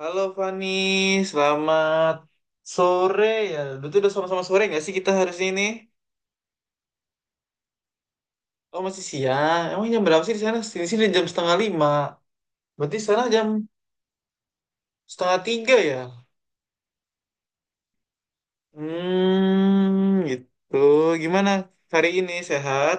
Halo Fani, selamat sore ya. Betul udah sama-sama sore nggak sih kita hari ini? Oh masih siang. Emang jam berapa sih di sana? Di sini jam setengah lima. Berarti sana jam setengah tiga ya? Hmm, gitu. Gimana hari ini sehat?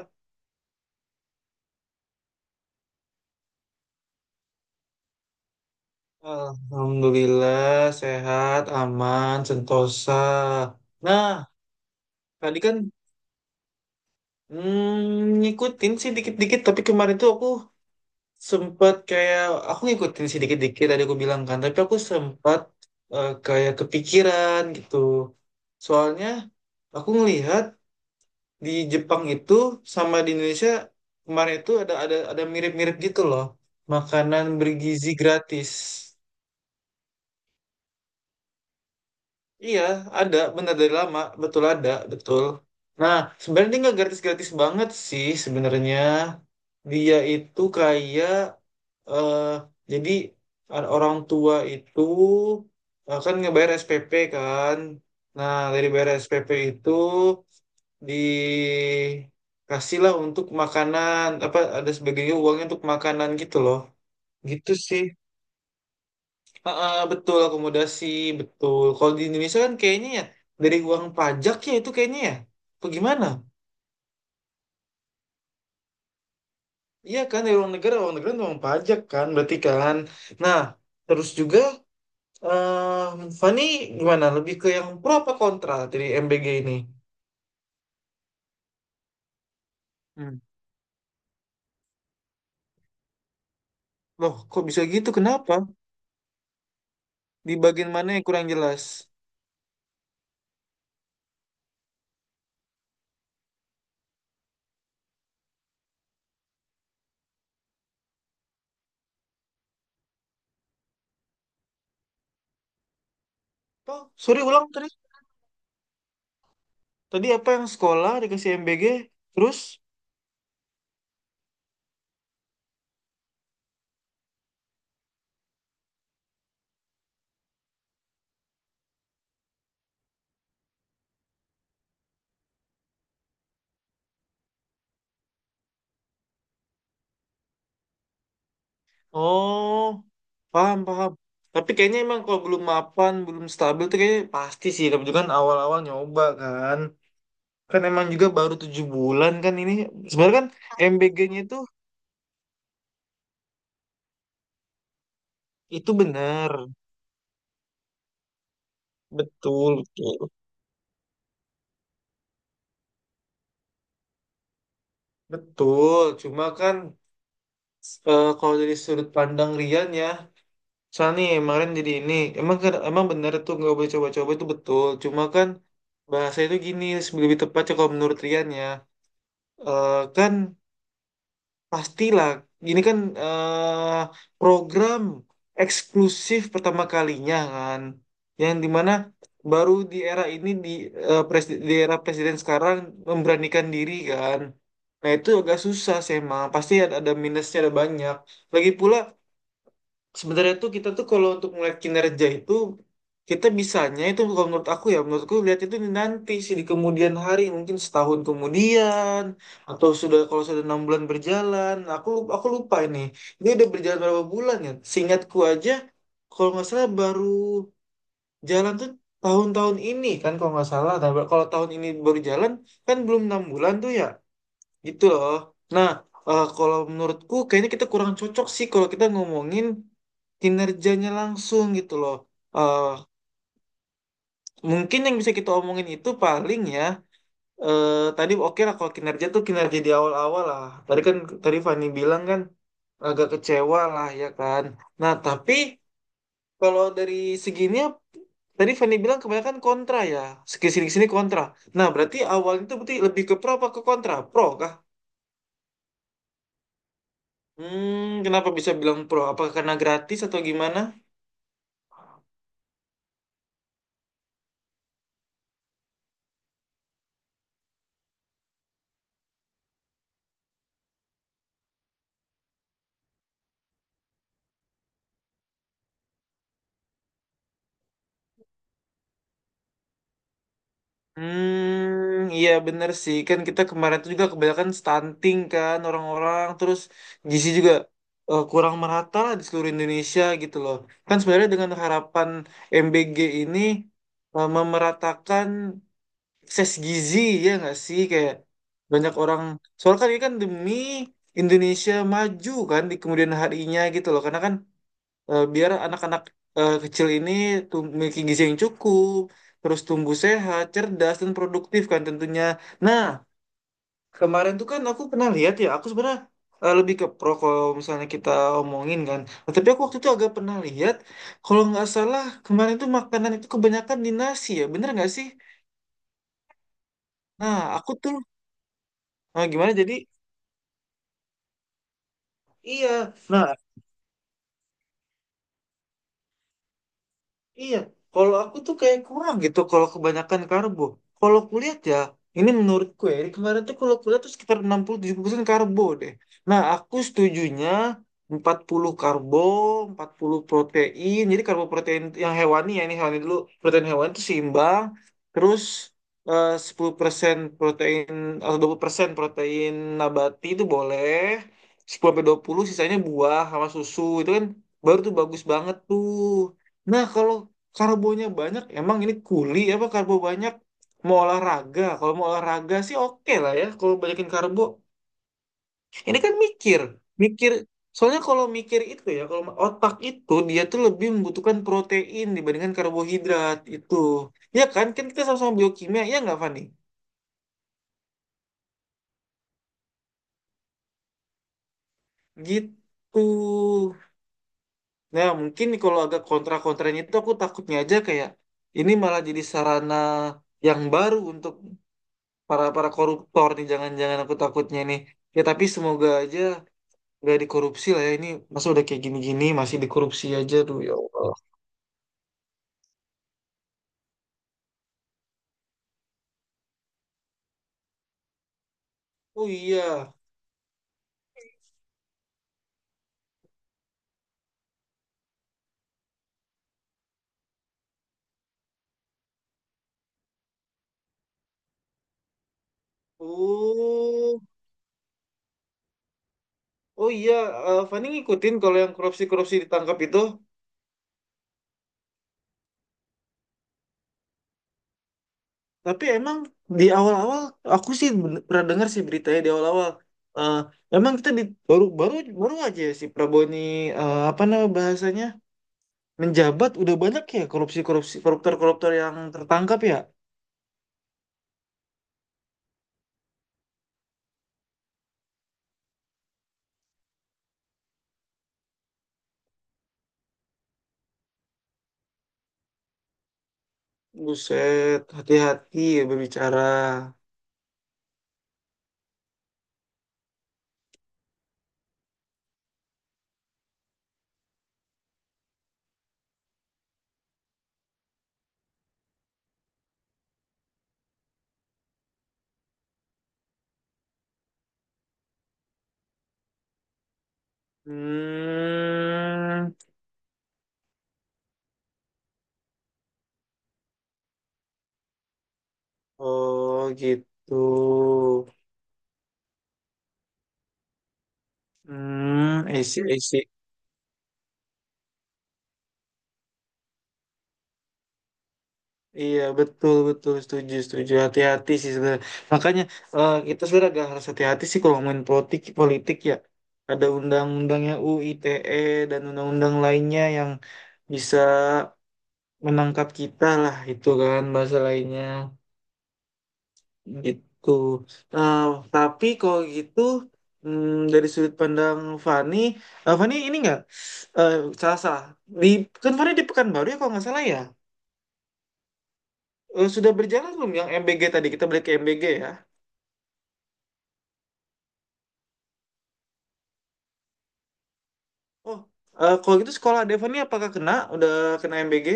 Alhamdulillah sehat, aman, sentosa. Nah, tadi kan ngikutin sih dikit-dikit, tapi kemarin tuh aku sempet kayak aku ngikutin sedikit dikit-dikit tadi aku bilang kan, tapi aku sempat kayak kepikiran gitu. Soalnya aku ngelihat di Jepang itu sama di Indonesia kemarin itu ada mirip-mirip gitu loh. Makanan bergizi gratis. Iya, ada benar dari lama, betul ada, betul. Nah, sebenarnya dia nggak gratis-gratis banget sih sebenarnya. Dia itu kayak eh jadi ada orang tua itu kan ngebayar SPP kan. Nah, dari bayar SPP itu dikasihlah untuk makanan apa ada sebagainya uangnya untuk makanan gitu loh. Gitu sih. Ah, ah, betul akomodasi, betul. Kalau di Indonesia kan kayaknya ya dari uang pajak ya itu kayaknya ya. Apa gimana? Iya kan dari uang negara kan uang pajak kan berarti kan. Nah, terus juga eh Fani gimana? Lebih ke yang pro apa kontra dari MBG ini? Hmm. Loh, kok bisa gitu? Kenapa? Di bagian mana yang kurang jelas? Oh, sorry ulang tadi. Tadi apa yang sekolah dikasih MBG, terus? Oh, paham, paham. Tapi kayaknya emang kalau belum mapan, belum stabil tuh kayaknya pasti sih. Tapi juga kan awal-awal nyoba kan. Kan emang juga baru 7 bulan kan ini. Sebenarnya kan MBG-nya itu benar. Betul, betul. Betul, cuma kan. Kalau dari sudut pandang Rian ya, soalnya nih kemarin jadi ini, emang kan emang bener tuh nggak boleh coba-coba itu betul. Cuma kan bahasa itu gini lebih tepatnya kalau menurut Rian ya, kan pastilah gini kan program eksklusif pertama kalinya kan, yang dimana baru di era ini di era presiden sekarang memberanikan diri kan. Nah itu agak susah sih emang, pasti ada minusnya ada banyak. Lagi pula sebenarnya tuh kita tuh kalau untuk melihat kinerja itu kita bisanya itu kalau menurut aku ya menurutku lihat itu di nanti sih, di kemudian hari mungkin setahun kemudian atau sudah kalau sudah 6 bulan berjalan. Aku lupa ini udah berjalan berapa bulan ya, seingatku aja kalau nggak salah baru jalan tuh tahun-tahun ini kan kalau nggak salah. Nah, kalau tahun ini baru jalan kan belum 6 bulan tuh ya. Gitu loh. Nah, kalau menurutku kayaknya kita kurang cocok sih kalau kita ngomongin kinerjanya langsung gitu loh. Eh, mungkin yang bisa kita omongin itu paling ya, eh, tadi oke lah kalau kinerja tuh kinerja di awal-awal lah. Tadi kan tadi Fani bilang kan agak kecewa lah ya kan. Nah, tapi kalau dari segininya tadi Fani bilang kebanyakan kontra ya, sini sini kontra. Nah berarti awalnya itu berarti lebih ke pro apa ke kontra? Pro kan? Hmm, kenapa bisa bilang pro? Apa karena gratis atau gimana? Hmm, iya bener sih. Kan kita kemarin tuh juga kebanyakan stunting kan orang-orang. Terus gizi juga kurang merata lah di seluruh Indonesia gitu loh. Kan sebenarnya dengan harapan MBG ini memeratakan akses gizi ya nggak sih? Kayak banyak orang. Soalnya kan ini kan demi Indonesia maju kan di kemudian harinya gitu loh. Karena kan biar anak-anak kecil ini tuh memiliki gizi yang cukup, terus tumbuh sehat, cerdas, dan produktif kan tentunya. Nah, kemarin tuh kan aku pernah lihat ya, aku sebenarnya lebih ke pro kalau misalnya kita omongin kan. Nah, tapi aku waktu itu agak pernah lihat, kalau nggak salah kemarin tuh makanan itu kebanyakan di nasi ya, bener nggak sih? Nah, aku tuh, nah gimana jadi? Iya, nah. Iya, kalau aku tuh kayak kurang gitu kalau kebanyakan karbo. Kalau kuliah ya, ini menurutku ya, ini kemarin tuh kalau kuliah tuh sekitar 60-70% karbo deh. Nah, aku setujunya 40 karbo, 40 protein. Jadi karbo protein yang hewani ya, ini hewani dulu. Protein hewani itu seimbang. Terus 10% protein atau 20% protein nabati itu boleh. 10 sampai 20 sisanya buah sama susu. Itu kan baru tuh bagus banget tuh. Nah, kalau karbonya banyak emang ini kuli apa karbo banyak mau olahraga, kalau mau olahraga sih oke lah ya kalau banyakin karbo. Ini kan mikir, mikir soalnya kalau mikir itu ya, kalau otak itu dia tuh lebih membutuhkan protein dibandingkan karbohidrat itu. Ya kan kan kita sama-sama biokimia ya nggak Fani? Gitu, nah mungkin kalau agak kontra-kontranya itu aku takutnya aja kayak ini malah jadi sarana yang baru untuk para para koruptor nih, jangan-jangan, aku takutnya nih ya, tapi semoga aja nggak dikorupsi lah ya ini. Masa udah kayak gini-gini masih dikorupsi aja tuh, ya Allah. Oh iya, oh, oh iya. Fani ngikutin kalau yang korupsi-korupsi ditangkap itu. Tapi emang di awal-awal aku sih pernah dengar sih beritanya di awal-awal. Eh, emang kita di baru baru baru aja si Prabowo ini apa nama bahasanya menjabat udah banyak ya korupsi-korupsi koruptor-koruptor yang tertangkap ya. Buset, hati-hati ya berbicara. Hmm, oh gitu. Hmm, I see, I see. Iya betul betul setuju setuju hati-hati sih sebenarnya, makanya kita sebenarnya agak harus hati-hati sih kalau main politik politik ya, ada undang-undangnya UITE dan undang-undang lainnya yang bisa menangkap kita lah itu kan bahasa lainnya. Itu. Nah, tapi kalau gitu hmm, dari sudut pandang Fani, Fani ini nggak eh, salah salah. Di kan Fani di Pekanbaru ya kalau nggak salah ya. Sudah berjalan belum yang MBG? Tadi kita balik ke MBG ya. Oh, kalau gitu sekolah Devani apakah kena? Udah kena MBG?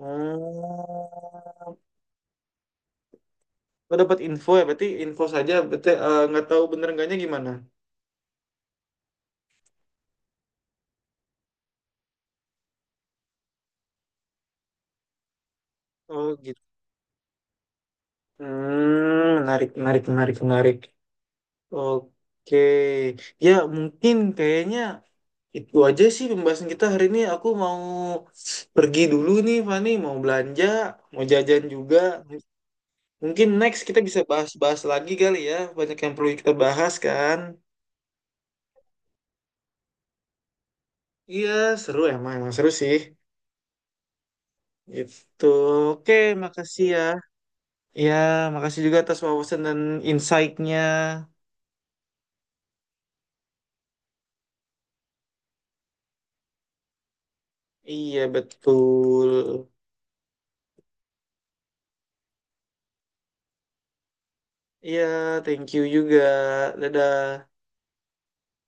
Oh, lo dapat info ya? Berarti info saja. Berarti nggak tahu bener enggaknya gimana? Oh gitu. Hmm, menarik, menarik, menarik, menarik. Oke, ya mungkin kayaknya itu aja sih pembahasan kita hari ini. Aku mau pergi dulu nih, Fani. Mau belanja, mau jajan juga. Mungkin next kita bisa bahas-bahas lagi kali ya. Banyak yang perlu kita bahas kan. Iya, seru emang. Emang seru sih. Gitu. Oke, makasih ya. Ya, makasih juga atas wawasan dan insight-nya. Iya, betul. Iya, thank you juga. Dadah.